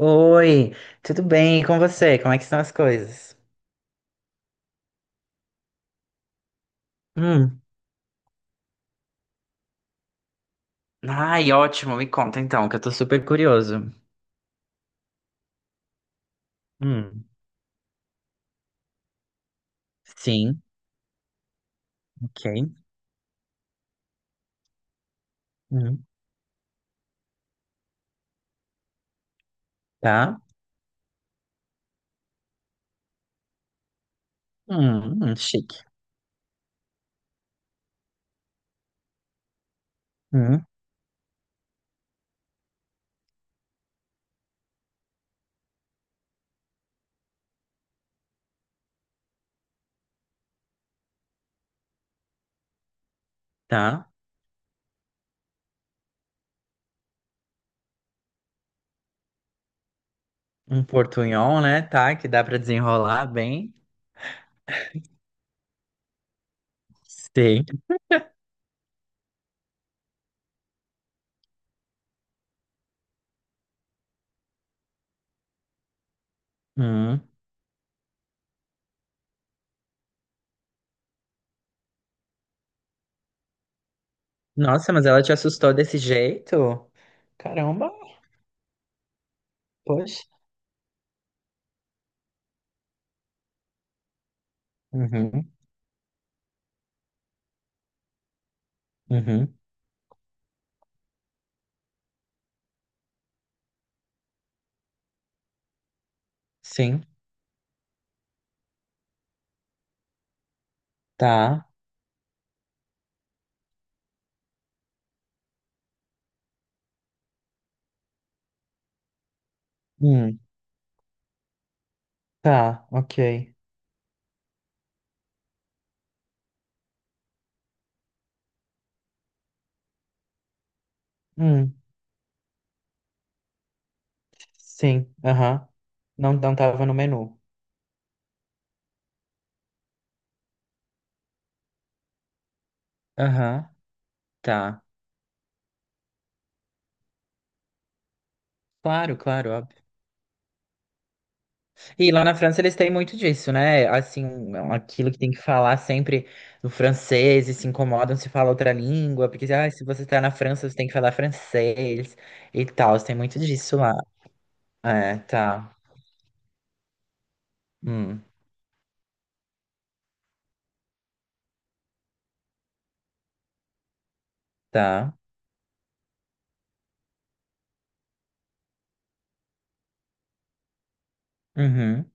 Oi, tudo bem? E com você? Como é que estão as coisas? Hum. Ai, ótimo, me conta então, que eu tô super curioso. Hum. Sim, ok. Hum. Tá. Chique. Hum. Tá. Um portunhol, né? Tá, que dá pra desenrolar bem. Sim. Hum. Nossa, mas ela te assustou desse jeito? Caramba, poxa. Uhum, uhum. Sim. Tá. Hum. Tá, ok. Hum. Sim, aham. Não, não tava no menu. Aham, tá. Claro, claro, óbvio. E lá na França eles têm muito disso, né? Assim, aquilo que tem que falar sempre no francês e se incomodam se fala outra língua, porque ah, se você tá na França, você tem que falar francês e tal. Tem muito disso lá. É, tá. Hum, tá. Uhum.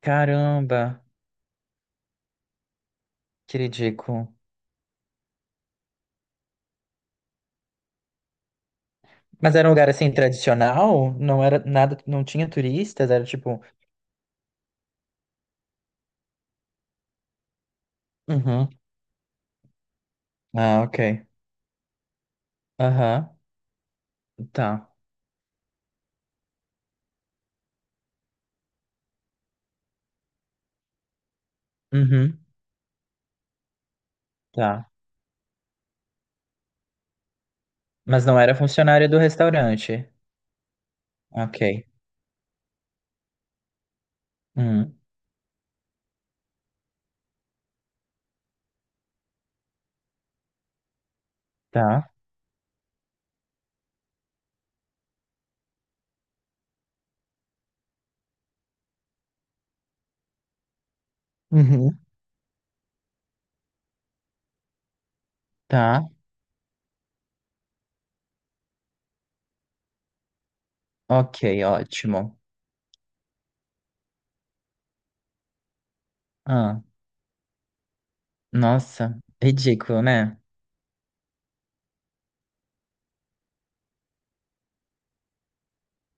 Caramba, que ridículo. Mas era um lugar assim tradicional? Não era nada, não tinha turistas, era tipo. Uhum. Ah, ok. Aham, tá. Uhum, tá. Mas não era funcionária do restaurante. Ok. Hum, tá. Uhum, tá. Ok, ótimo. Ah, nossa, ridículo, né?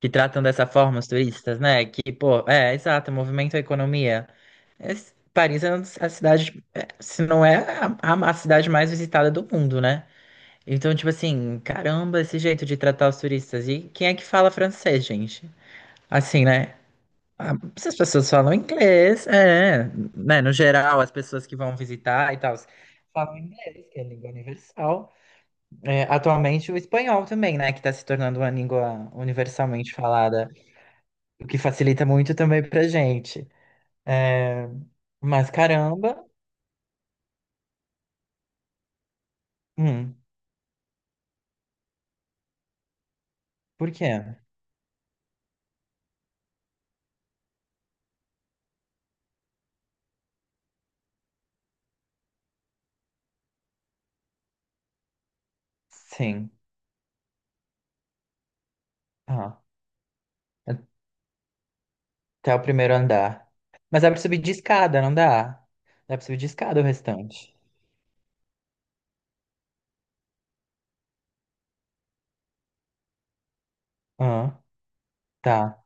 Que tratam dessa forma os turistas, né? Que, pô, é, exato, movimento a economia. Paris é a cidade, é, se não é a a cidade mais visitada do mundo, né? Então, tipo assim, caramba, esse jeito de tratar os turistas. E quem é que fala francês, gente? Assim, né? Ah, se as pessoas falam inglês, é, né? No geral, as pessoas que vão visitar e tal falam inglês, que é a língua universal. É, atualmente, o espanhol também, né? Que está se tornando uma língua universalmente falada, o que facilita muito também pra gente. É, mas caramba, hum, por quê? Sim, ah, até o primeiro andar. Mas dá pra subir de escada, não dá? Dá pra subir de escada o restante. Ah, tá,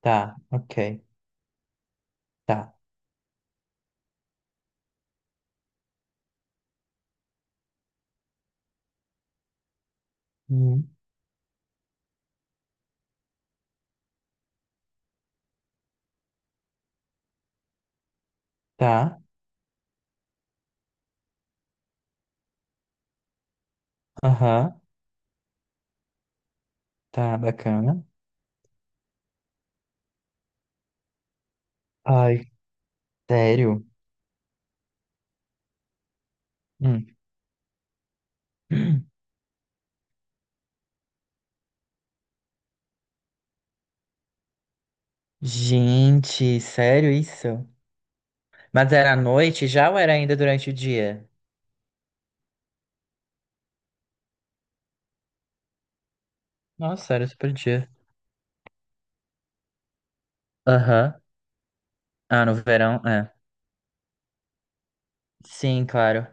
tá, ok, tá, hum, tá. Aham, tá, bacana. Ai, sério? Hum. Gente, sério isso? Mas era à noite já ou era ainda durante o dia? Nossa, era super dia. Aham. Ah, no verão, é. Sim, claro.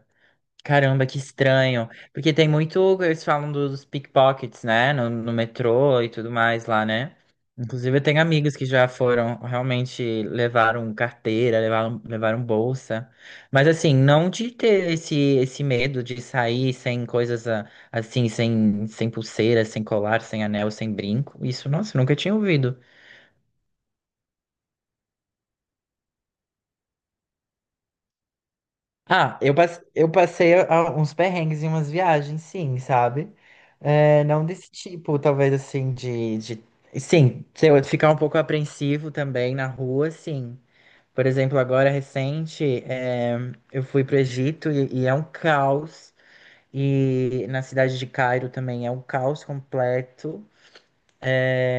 Caramba, que estranho. Porque tem muito. Eles falam dos pickpockets, né? No metrô e tudo mais lá, né? Inclusive, eu tenho amigos que já foram, realmente levaram carteira, levaram bolsa. Mas, assim, não de ter esse medo de sair sem coisas ah, assim, sem pulseira, sem colar, sem anel, sem brinco. Isso, nossa, eu nunca tinha ouvido. Ah, eu uns perrengues em umas viagens, sim, sabe? É, não desse tipo, talvez assim, de... Sim, se eu ficar um pouco apreensivo também na rua, sim. Por exemplo, agora recente, é, eu fui para o Egito e é um caos. E na cidade de Cairo também é um caos completo.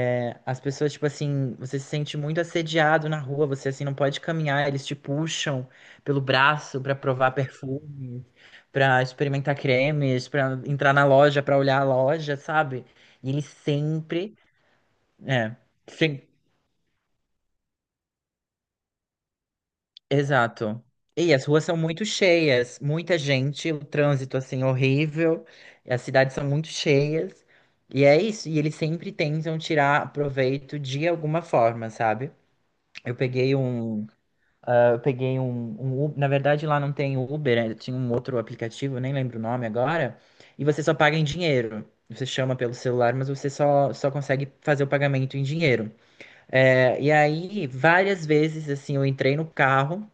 É, as pessoas, tipo assim, você se sente muito assediado na rua, você assim não pode caminhar, eles te puxam pelo braço pra provar perfume, pra experimentar cremes, pra entrar na loja, pra olhar a loja, sabe? E eles sempre, é, sim, exato. E as ruas são muito cheias, muita gente, o trânsito assim horrível, e as cidades são muito cheias. E é isso, e eles sempre tentam tirar proveito de alguma forma, sabe? Eu peguei um Ah, eu peguei um Uber. Na verdade, lá não tem Uber, né? Tinha um outro aplicativo, eu nem lembro o nome agora. E você só paga em dinheiro. Você chama pelo celular, mas você só consegue fazer o pagamento em dinheiro. É, e aí, várias vezes, assim, eu entrei no carro.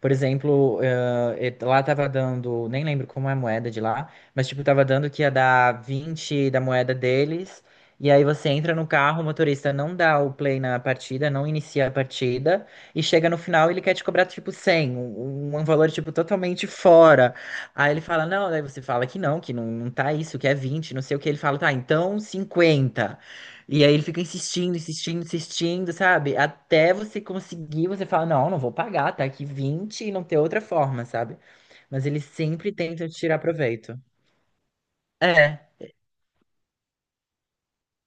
Por exemplo, lá tava dando, nem lembro como é a moeda de lá, mas tipo, tava dando que ia dar 20 da moeda deles. E aí você entra no carro, o motorista não dá o play na partida, não inicia a partida, e chega no final ele quer te cobrar tipo um valor tipo totalmente fora. Aí ele fala, não, daí você fala que não, não tá isso, que é 20 não sei o que. Ele fala, tá, então 50 e aí ele fica insistindo, insistindo, insistindo, sabe? Até você conseguir, você fala, não, não vou pagar, tá aqui 20 e não tem outra forma, sabe? Mas eles sempre tentam tirar proveito. É,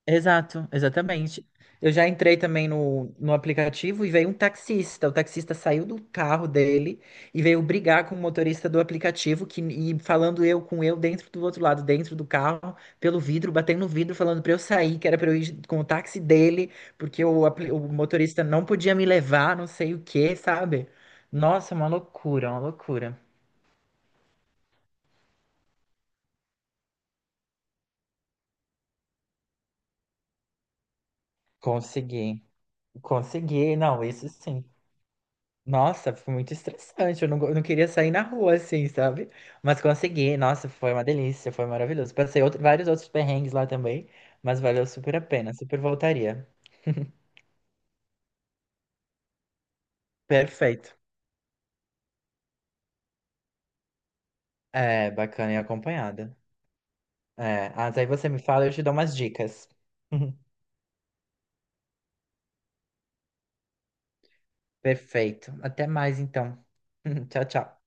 exato, exatamente. Eu já entrei também no aplicativo e veio um taxista. O taxista saiu do carro dele e veio brigar com o motorista do aplicativo que, e falando eu com eu dentro do outro lado, dentro do carro, pelo vidro, batendo no vidro, falando pra eu sair, que era pra eu ir com o táxi dele, porque o, o motorista não podia me levar, não sei o que, sabe? Nossa, uma loucura, uma loucura. Consegui, consegui. Não, isso sim. Nossa, foi muito estressante. Eu não, eu não queria sair na rua assim, sabe? Mas consegui. Nossa, foi uma delícia, foi maravilhoso. Passei vários outros perrengues lá também, mas valeu super a pena, super voltaria. Perfeito. É, bacana e acompanhada. É, mas aí você me fala, eu te dou umas dicas. Perfeito. Até mais então. Tchau, tchau.